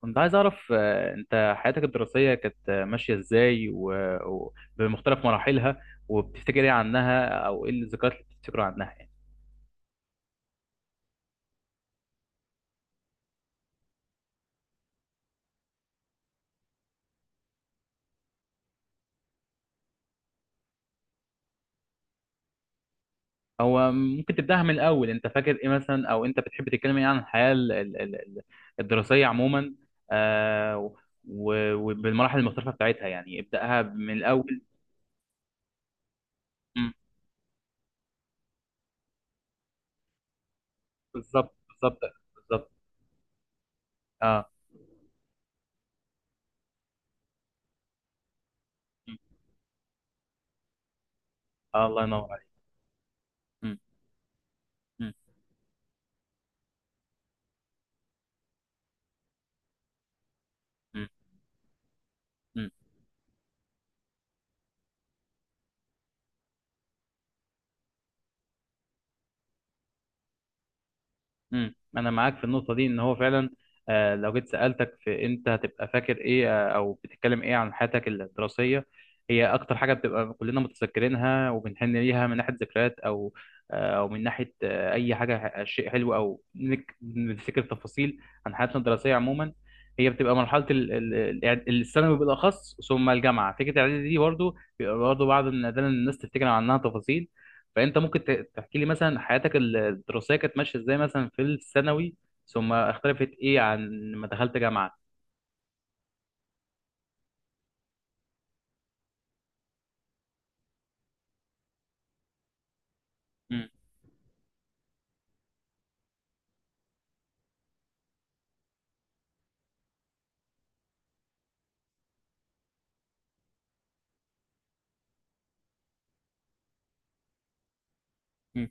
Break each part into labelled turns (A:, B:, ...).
A: كنت عايز أعرف، أنت حياتك الدراسية كانت ماشية إزاي بمختلف مراحلها. وبتفتكر إيه عنها، أو إيه الذكريات اللي بتفتكرها عنها، يعني. هو ممكن تبدأها من الأول؟ أنت فاكر إيه مثلا، أو أنت بتحب تتكلم إيه عن الحياة الدراسية عموما. آه، و- وبالمراحل المختلفة بتاعتها، يعني ابدأها من الأول. مم. بالظبط، بالظبط. بالظبط. أه. مم. آه، الله ينور عليك. مم. مم. مم. مم. انا معاك في النقطه دي، ان هو فعلا لو جيت سالتك، في، انت هتبقى فاكر ايه؟ او بتتكلم ايه عن حياتك الدراسيه؟ هي اكتر حاجه بتبقى كلنا متذكرينها وبنحن ليها، من ناحيه ذكريات، او او من ناحيه اي حاجه، شيء حلو، او نفتكر تفاصيل عن حياتنا الدراسيه عموما. هي بتبقى مرحله الثانوي بالاخص، ثم الجامعه. فكره الاعدادي دي برضه بيبقى برضه بعض ده، إن الناس تفتكر عنها تفاصيل. فانت ممكن تحكي لي مثلا، حياتك الدراسيه كانت ماشيه ازاي مثلا في الثانوي، ثم اختلفت ايه عن ما دخلت جامعه. مم.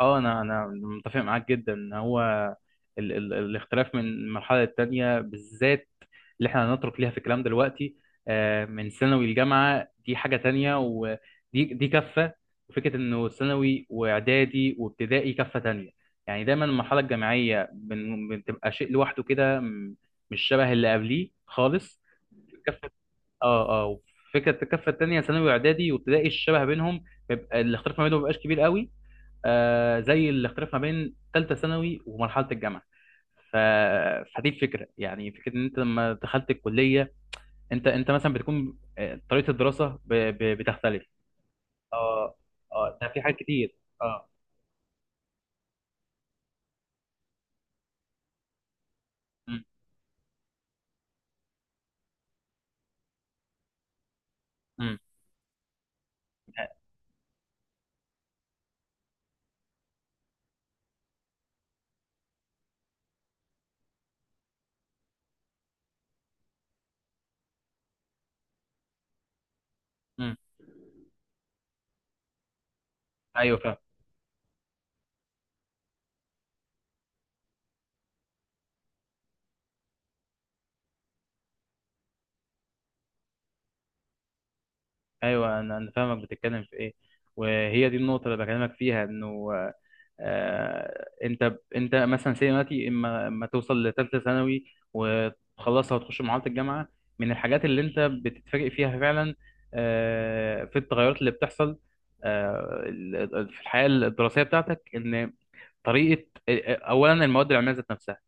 A: اه، انا متفق معاك جدا ان هو ال ال الاختلاف من مرحله للتانيه، بالذات اللي احنا هنترك ليها في الكلام دلوقتي. من ثانوي لجامعه، دي حاجه تانيه، دي كفه. وفكره انه ثانوي واعدادي وابتدائي كفه تانيه. يعني دايما المرحله الجامعيه، بتبقى شيء لوحده كده، مش شبه اللي قبليه خالص. كفه. اه، اه. فكره الكفه التانيه، ثانوي واعدادي وابتدائي، الشبه بينهم بيبقى الاختلاف ما بينهم، ما بيبقاش كبير قوي زي الاختلاف ما بين ثالثه ثانوي ومرحله الجامعه. ف... فدي الفكره، يعني فكره ان انت لما دخلت الكليه، انت مثلا بتكون، طريقه الدراسه بتختلف. اه. اه، ده في حاجات كتير. اه. امم. امم. امم. ايوه، فاهم. ايوه، انا فاهمك بتتكلم في ايه. وهي دي النقطه اللي بكلمك فيها، انه انت مثلا سي دلوقتي، اما توصل لثالثه ثانوي وتخلصها وتخش مرحله الجامعه، من الحاجات اللي انت بتتفاجئ فيها فعلا، في التغيرات اللي بتحصل، في الحياه الدراسيه بتاعتك، ان طريقه، اولا المواد العلميه ذات نفسها،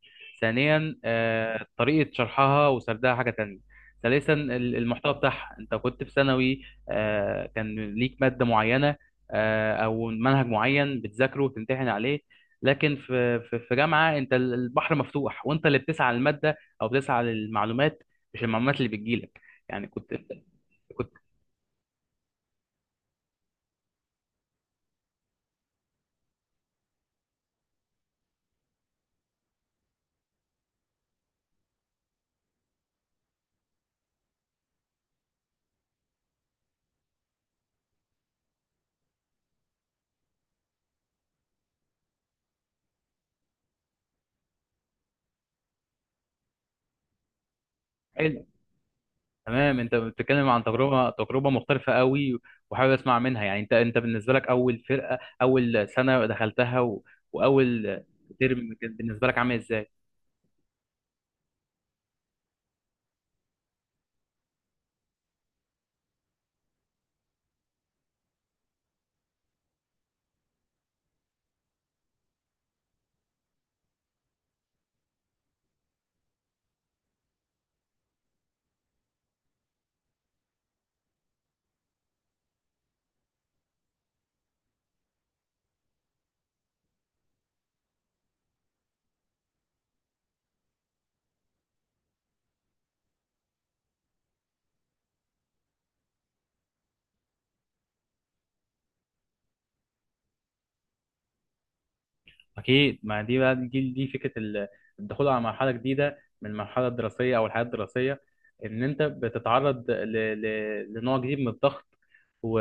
A: ثانيا طريقه شرحها وسردها حاجه تانية، ثالثا المحتوى بتاعها. انت كنت في ثانوي، كان ليك ماده معينه، او منهج معين بتذاكره وتمتحن عليه. لكن في جامعه، انت البحر مفتوح، وانت اللي بتسعى للماده او بتسعى للمعلومات، مش المعلومات اللي بتجيلك. يعني كنت تمام. انت بتتكلم عن تجربه مختلفه قوي، وحابب اسمع منها. يعني انت، بالنسبه لك، اول فرقه، اول سنه دخلتها، واول ترم، كان بالنسبه لك عامل ازاي؟ أكيد. ما دي بقى الجيل، دي فكرة الدخول على مرحلة جديدة، من المرحلة الدراسية أو الحياة الدراسية. إن أنت بتتعرض لنوع جديد من الضغط، و...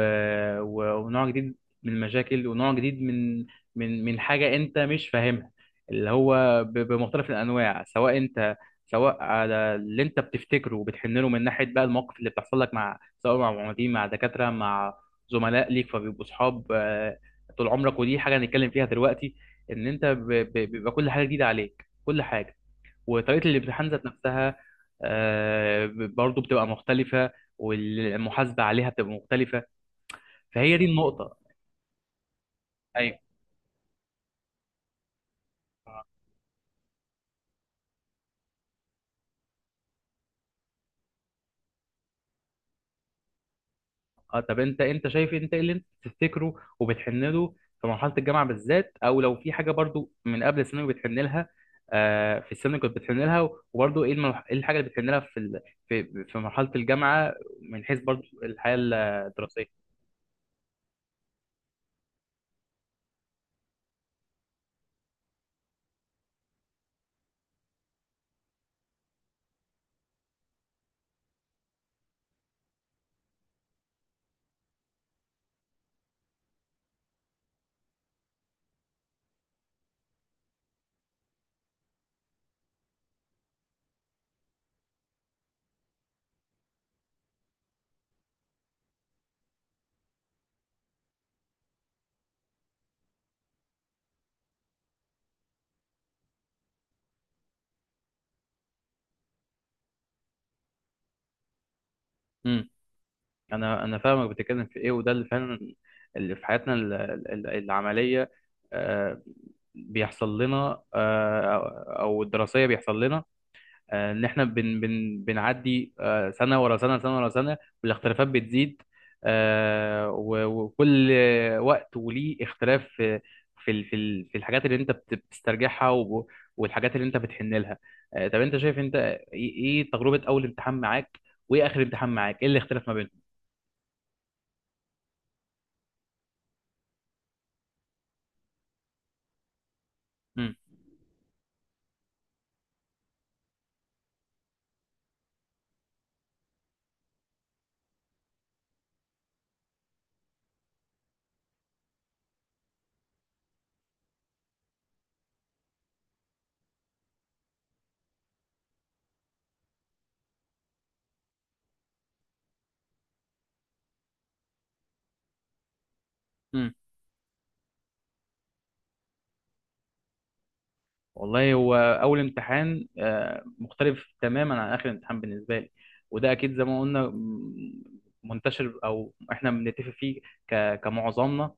A: ونوع جديد من المشاكل، ونوع جديد من حاجة أنت مش فاهمها. اللي هو بمختلف الأنواع، سواء أنت، سواء على اللي أنت بتفتكره وبتحن له، من ناحية بقى المواقف اللي بتحصل لك، مع، سواء مع معيدين، مع دكاترة، مع زملاء ليك فبيبقوا صحاب طول عمرك. ودي حاجة هنتكلم فيها دلوقتي، ان انت، بيبقى كل حاجه جديده عليك، كل حاجه. وطريقه الامتحان ذات نفسها، برضو بتبقى مختلفه، والمحاسبه عليها بتبقى مختلفه. فهي دي النقطه. ايوه. اه. طب انت، شايف إيه؟ انت ايه اللي انت بتفتكره وبتحن له في مرحله الجامعه بالذات، او لو في حاجه برضو من قبل الثانوي بتحن لها، في الثانوي كنت بتحن لها. وبرضو ايه ايه الحاجه اللي بتحن لها في ال- في في مرحله الجامعه، من حيث برضو الحياه الدراسيه؟ انا فاهمك بتتكلم في ايه. وده اللي فعلا اللي في حياتنا العمليه آه، بيحصل لنا، او أو الدراسيه بيحصل لنا، ان احنا بن بن بنعدي، سنه ورا سنه، سنه ورا سنه، والاختلافات بتزيد، وكل وقت وليه اختلاف في، في الحاجات اللي انت بتسترجعها، والحاجات اللي انت بتحن لها. طب انت شايف انت ايه، إيه تجربه اول امتحان معاك، وايه اخر امتحان معاك، ايه اللي اختلف ما بينهم؟ مم. والله، هو اول امتحان مختلف تماما عن اخر امتحان بالنسبه لي. وده اكيد زي ما قلنا، منتشر، او احنا بنتفق فيه كمعظمنا،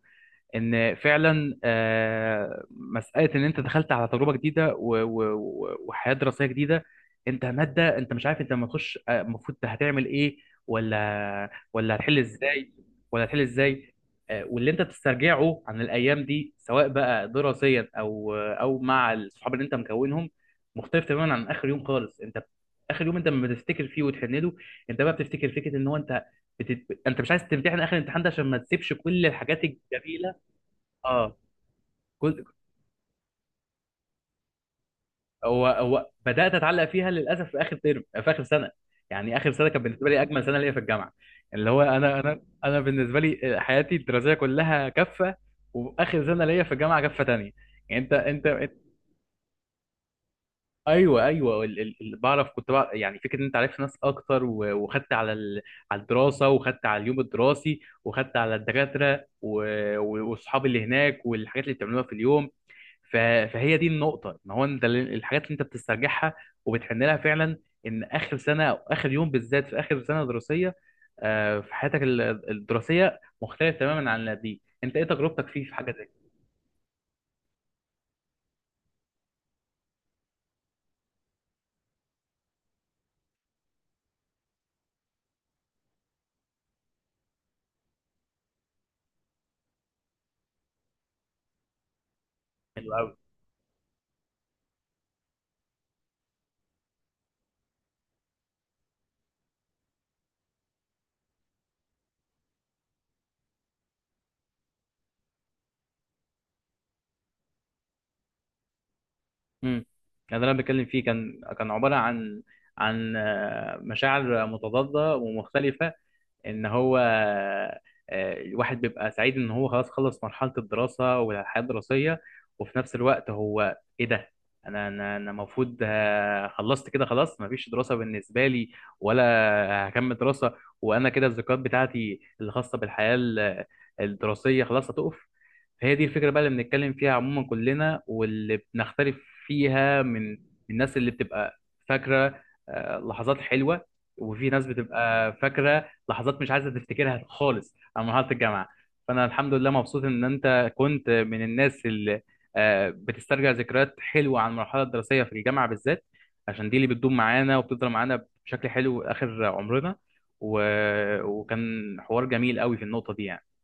A: ان فعلا مساله ان انت دخلت على تجربه جديده، وحياه دراسيه جديده. انت ماده، انت مش عارف، انت لما تخش المفروض هتعمل ايه، ولا هتحل ازاي، ولا هتحل ازاي. واللي انت بتسترجعه عن الايام دي، سواء بقى دراسيا او مع الصحاب اللي انت مكونهم، مختلف تماما عن اخر يوم خالص. انت اخر يوم انت لما بتفتكر فيه وتحن له، انت بقى بتفتكر فكره، ان هو انت، انت مش عايز تمتحن اخر الامتحان ده، عشان ما تسيبش كل الحاجات الجميله. اه. كل. هو بدات اتعلق فيها للاسف في اخر ترم، في اخر سنه. يعني اخر سنه كانت بالنسبه لي اجمل سنه ليا في الجامعه. اللي هو انا، بالنسبه لي حياتي الدراسيه كلها كفه، واخر سنه ليا في الجامعه كفه تانية. يعني ايوه، ايوه. كنت بعرف، يعني فكره ان انت عرفت ناس اكتر، وخدت على الدراسه، وخدت على اليوم الدراسي، وخدت على الدكاتره، واصحابي اللي هناك، والحاجات اللي بتعملوها في اليوم. ف- فهي دي النقطة، ان هو انت، الحاجات اللي انت بتسترجعها وبتحن لها فعلا، ان اخر سنة، او اخر يوم بالذات في اخر سنة دراسية، في حياتك الدراسية مختلف تماما عن اللي قبليه. انت ايه تجربتك فيه في حاجة زي كده؟ حلو قوي. يعني ده اللي انا بتكلم فيه، كان عبارة عن مشاعر متضادة ومختلفة، ان هو الواحد بيبقى سعيد ان هو خلاص، خلص مرحله الدراسه والحياه الدراسيه، وفي نفس الوقت هو ايه ده؟ انا، المفروض خلصت كده خلاص، مفيش دراسه بالنسبه لي، ولا هكمل دراسه. وانا كده الذكريات بتاعتي الخاصه بالحياه الدراسيه خلاص هتقف. فهي دي الفكره بقى اللي بنتكلم فيها عموما كلنا، واللي بنختلف فيها من الناس اللي بتبقى فاكره لحظات حلوه، وفي ناس بتبقى فاكره لحظات مش عايزه تفتكرها خالص على مرحله الجامعه. فانا الحمد لله مبسوط ان انت كنت من الناس اللي بتسترجع ذكريات حلوه عن المرحله الدراسيه في الجامعه بالذات، عشان دي اللي بتدوم معانا وبتفضل معانا بشكل حلو اخر عمرنا. و... وكان حوار جميل قوي في النقطه دي، يعني.